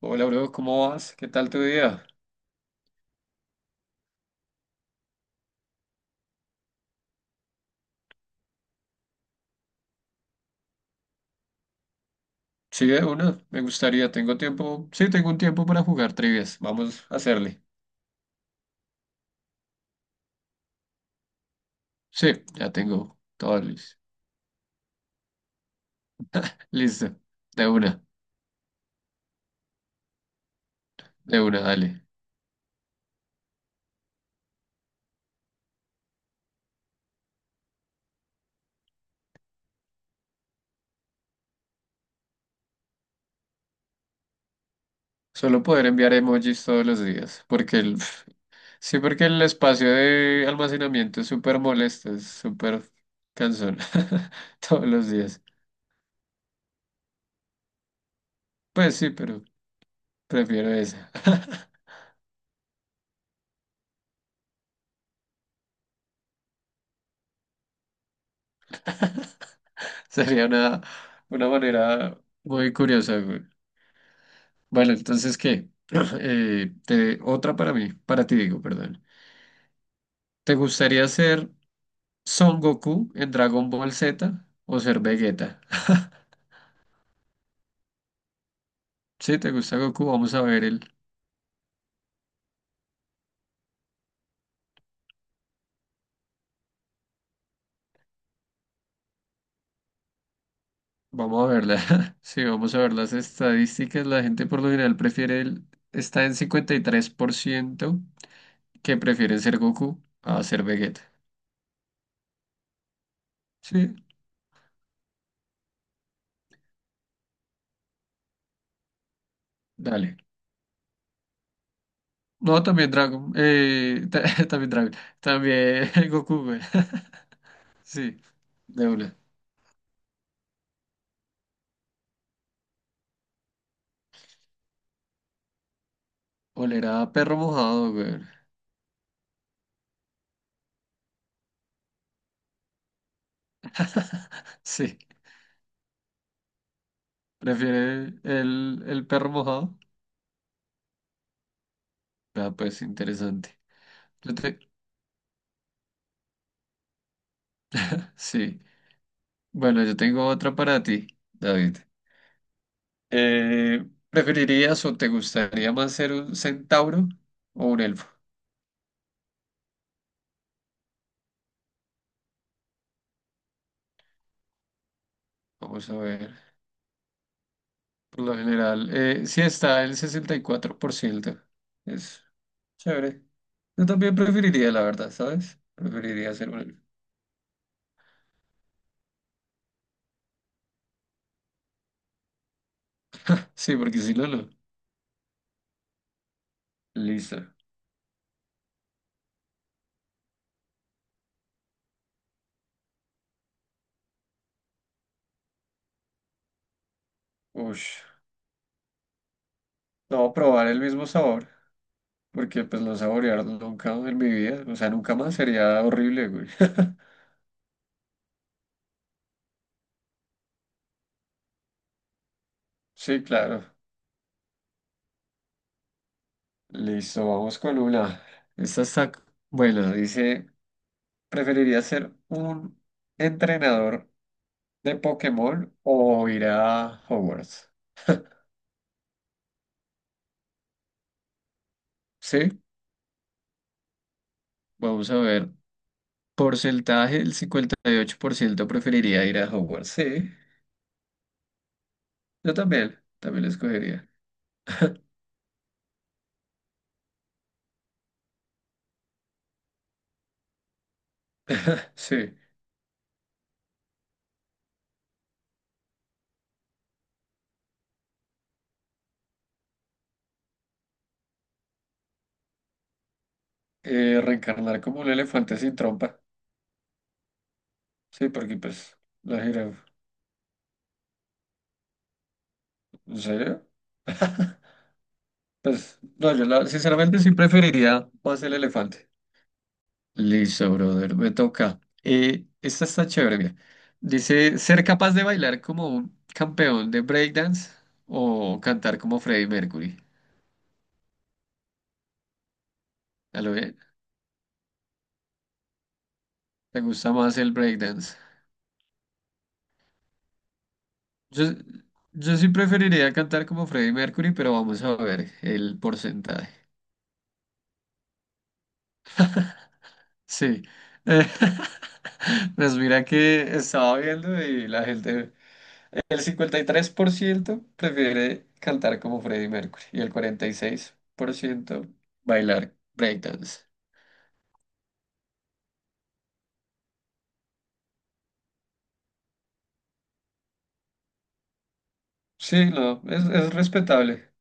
Hola, bro, ¿cómo vas? ¿Qué tal tu día? Sí, de una, me gustaría, tengo tiempo, sí, tengo un tiempo para jugar trivias, vamos a hacerle. Sí, ya tengo todo listo. Listo, de una, de una, dale. Solo poder enviar emojis todos los días, porque el, sí, porque el espacio de almacenamiento es súper molesto, es súper cansón, todos los días. Pues sí, pero prefiero esa. Sería una manera muy curiosa, güey. Bueno, entonces, ¿qué? Otra para mí, para ti digo, perdón. ¿Te gustaría ser Son Goku en Dragon Ball Z o ser Vegeta? Si te gusta Goku, vamos a ver el, vamos a verla. Sí, vamos a ver las estadísticas. La gente por lo general prefiere el, está en 53% que prefieren ser Goku a ser Vegeta. Sí, dale. No, también Dragon, también Dragon, también Goku, güey. Sí, de una. Oler a perro mojado, güey. Sí, prefiere el perro mojado. Ah, pues interesante. Yo te- Sí. Bueno, yo tengo otra para ti, David. ¿Preferirías o te gustaría más ser un centauro o un elfo? Vamos a ver. Por lo general, sí está el 64%. Es chévere. Yo también preferiría, la verdad, ¿sabes? Preferiría ser un elfo. Sí, porque si no, no. Listo. Ush. No, probar el mismo sabor, porque pues no saborear nunca en mi vida, o sea, nunca más sería horrible, güey. Sí, claro. Listo, vamos con una. Esta está, bueno, dice, ¿preferiría ser un entrenador de Pokémon o ir a Hogwarts? Sí, vamos a ver. Porcentaje, el 58% preferiría ir a Hogwarts. Sí, yo también, también lo escogería. Sí, reencarnar como un elefante sin trompa. Sí, porque pues la jirafa. ¿En serio? Pues, no, yo la- sinceramente sí preferiría más el elefante. Listo, brother, me toca. Esta está chévere, mira. Dice, ¿ser capaz de bailar como un campeón de breakdance o cantar como Freddie Mercury? ¿A lo bien? ¿Te gusta más el breakdance? Yo, yo sí preferiría cantar como Freddie Mercury, pero vamos a ver el porcentaje. Sí. Eh, pues mira que estaba viendo y la gente... El 53% prefiere cantar como Freddie Mercury y el 46% bailar breakdance. Sí, no, es respetable.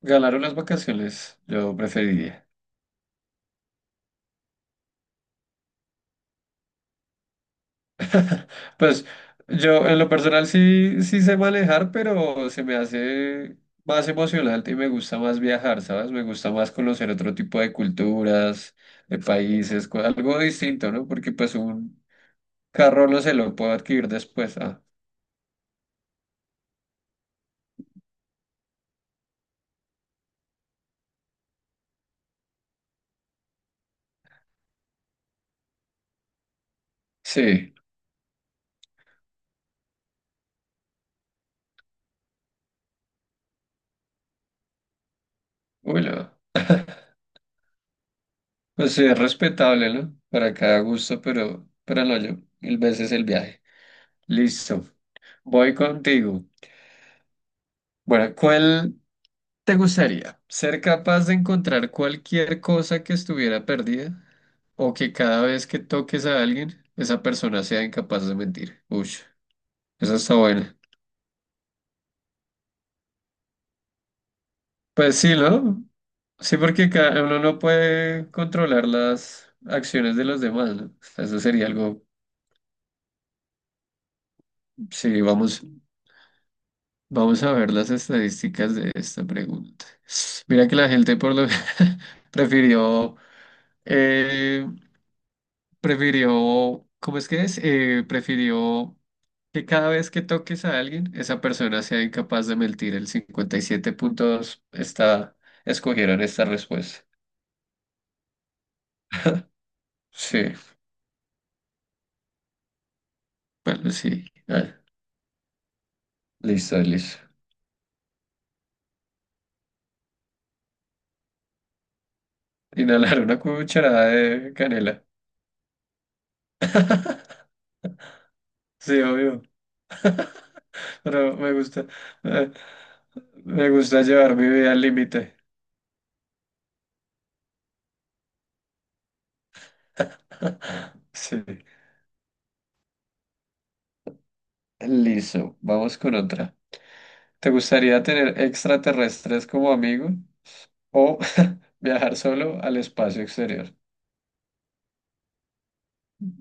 Ganaron las vacaciones, yo preferiría. Pues yo en lo personal sí, sí sé manejar, pero se me hace más emocionante y me gusta más viajar, ¿sabes? Me gusta más conocer otro tipo de culturas, de países, co- algo distinto, ¿no? Porque pues un carro no se lo puedo adquirir después. Ah, sí. Bueno, pues sí, es respetable, ¿no? Para cada gusto, pero no yo. Mil veces el viaje. Listo. Voy contigo. Bueno, ¿cuál te gustaría? ¿Ser capaz de encontrar cualquier cosa que estuviera perdida o que cada vez que toques a alguien, esa persona sea incapaz de mentir? Uy, esa está buena. Pues sí, ¿no? Sí, porque ca- uno no puede controlar las acciones de los demás, ¿no? Eso sería algo, sí, vamos. Vamos a ver las estadísticas de esta pregunta. Mira que la gente por lo prefirió, eh, prefirió, ¿cómo es que es? Prefirió que cada vez que toques a alguien, esa persona sea incapaz de mentir. El 57.2 está, escogieron esta respuesta. Sí, bueno, sí. Ah, listo, listo. Inhalar una cucharada de canela. Sí, obvio, pero eh, me gusta llevar mi vida al límite. Sí. Listo, vamos con otra. ¿Te gustaría tener extraterrestres como amigo o viajar solo al espacio exterior?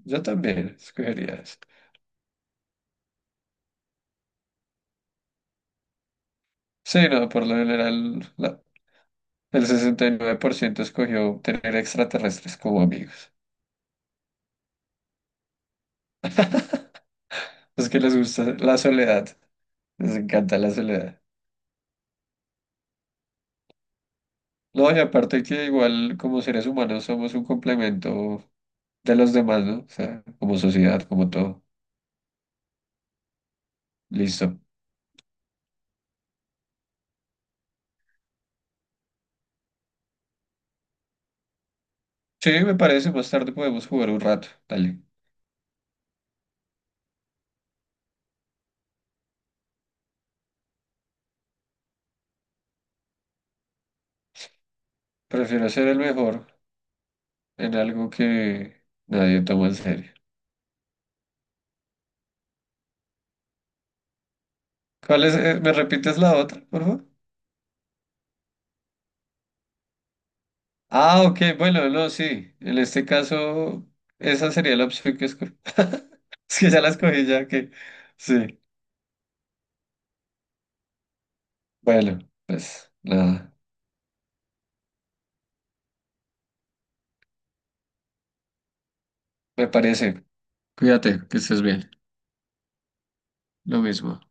Yo también escogería eso. Sí, no, por lo general la- el 69% escogió tener extraterrestres como amigos. Es que les gusta la soledad, les encanta la soledad. No, y aparte que igual como seres humanos somos un complemento de los demás, ¿no? O sea, como sociedad, como todo. Listo. Sí, me parece, más tarde podemos jugar un rato, dale. Prefiero ser el mejor en algo que nadie toma en serio. ¿Cuál es? ¿Me repites la otra, por favor? Ah, ok, bueno, no, sí. En este caso, esa sería la opción que escogí. Es que ya la escogí, ya que... Sí, bueno, pues nada, me parece. Cuídate, que estés bien. Lo mismo.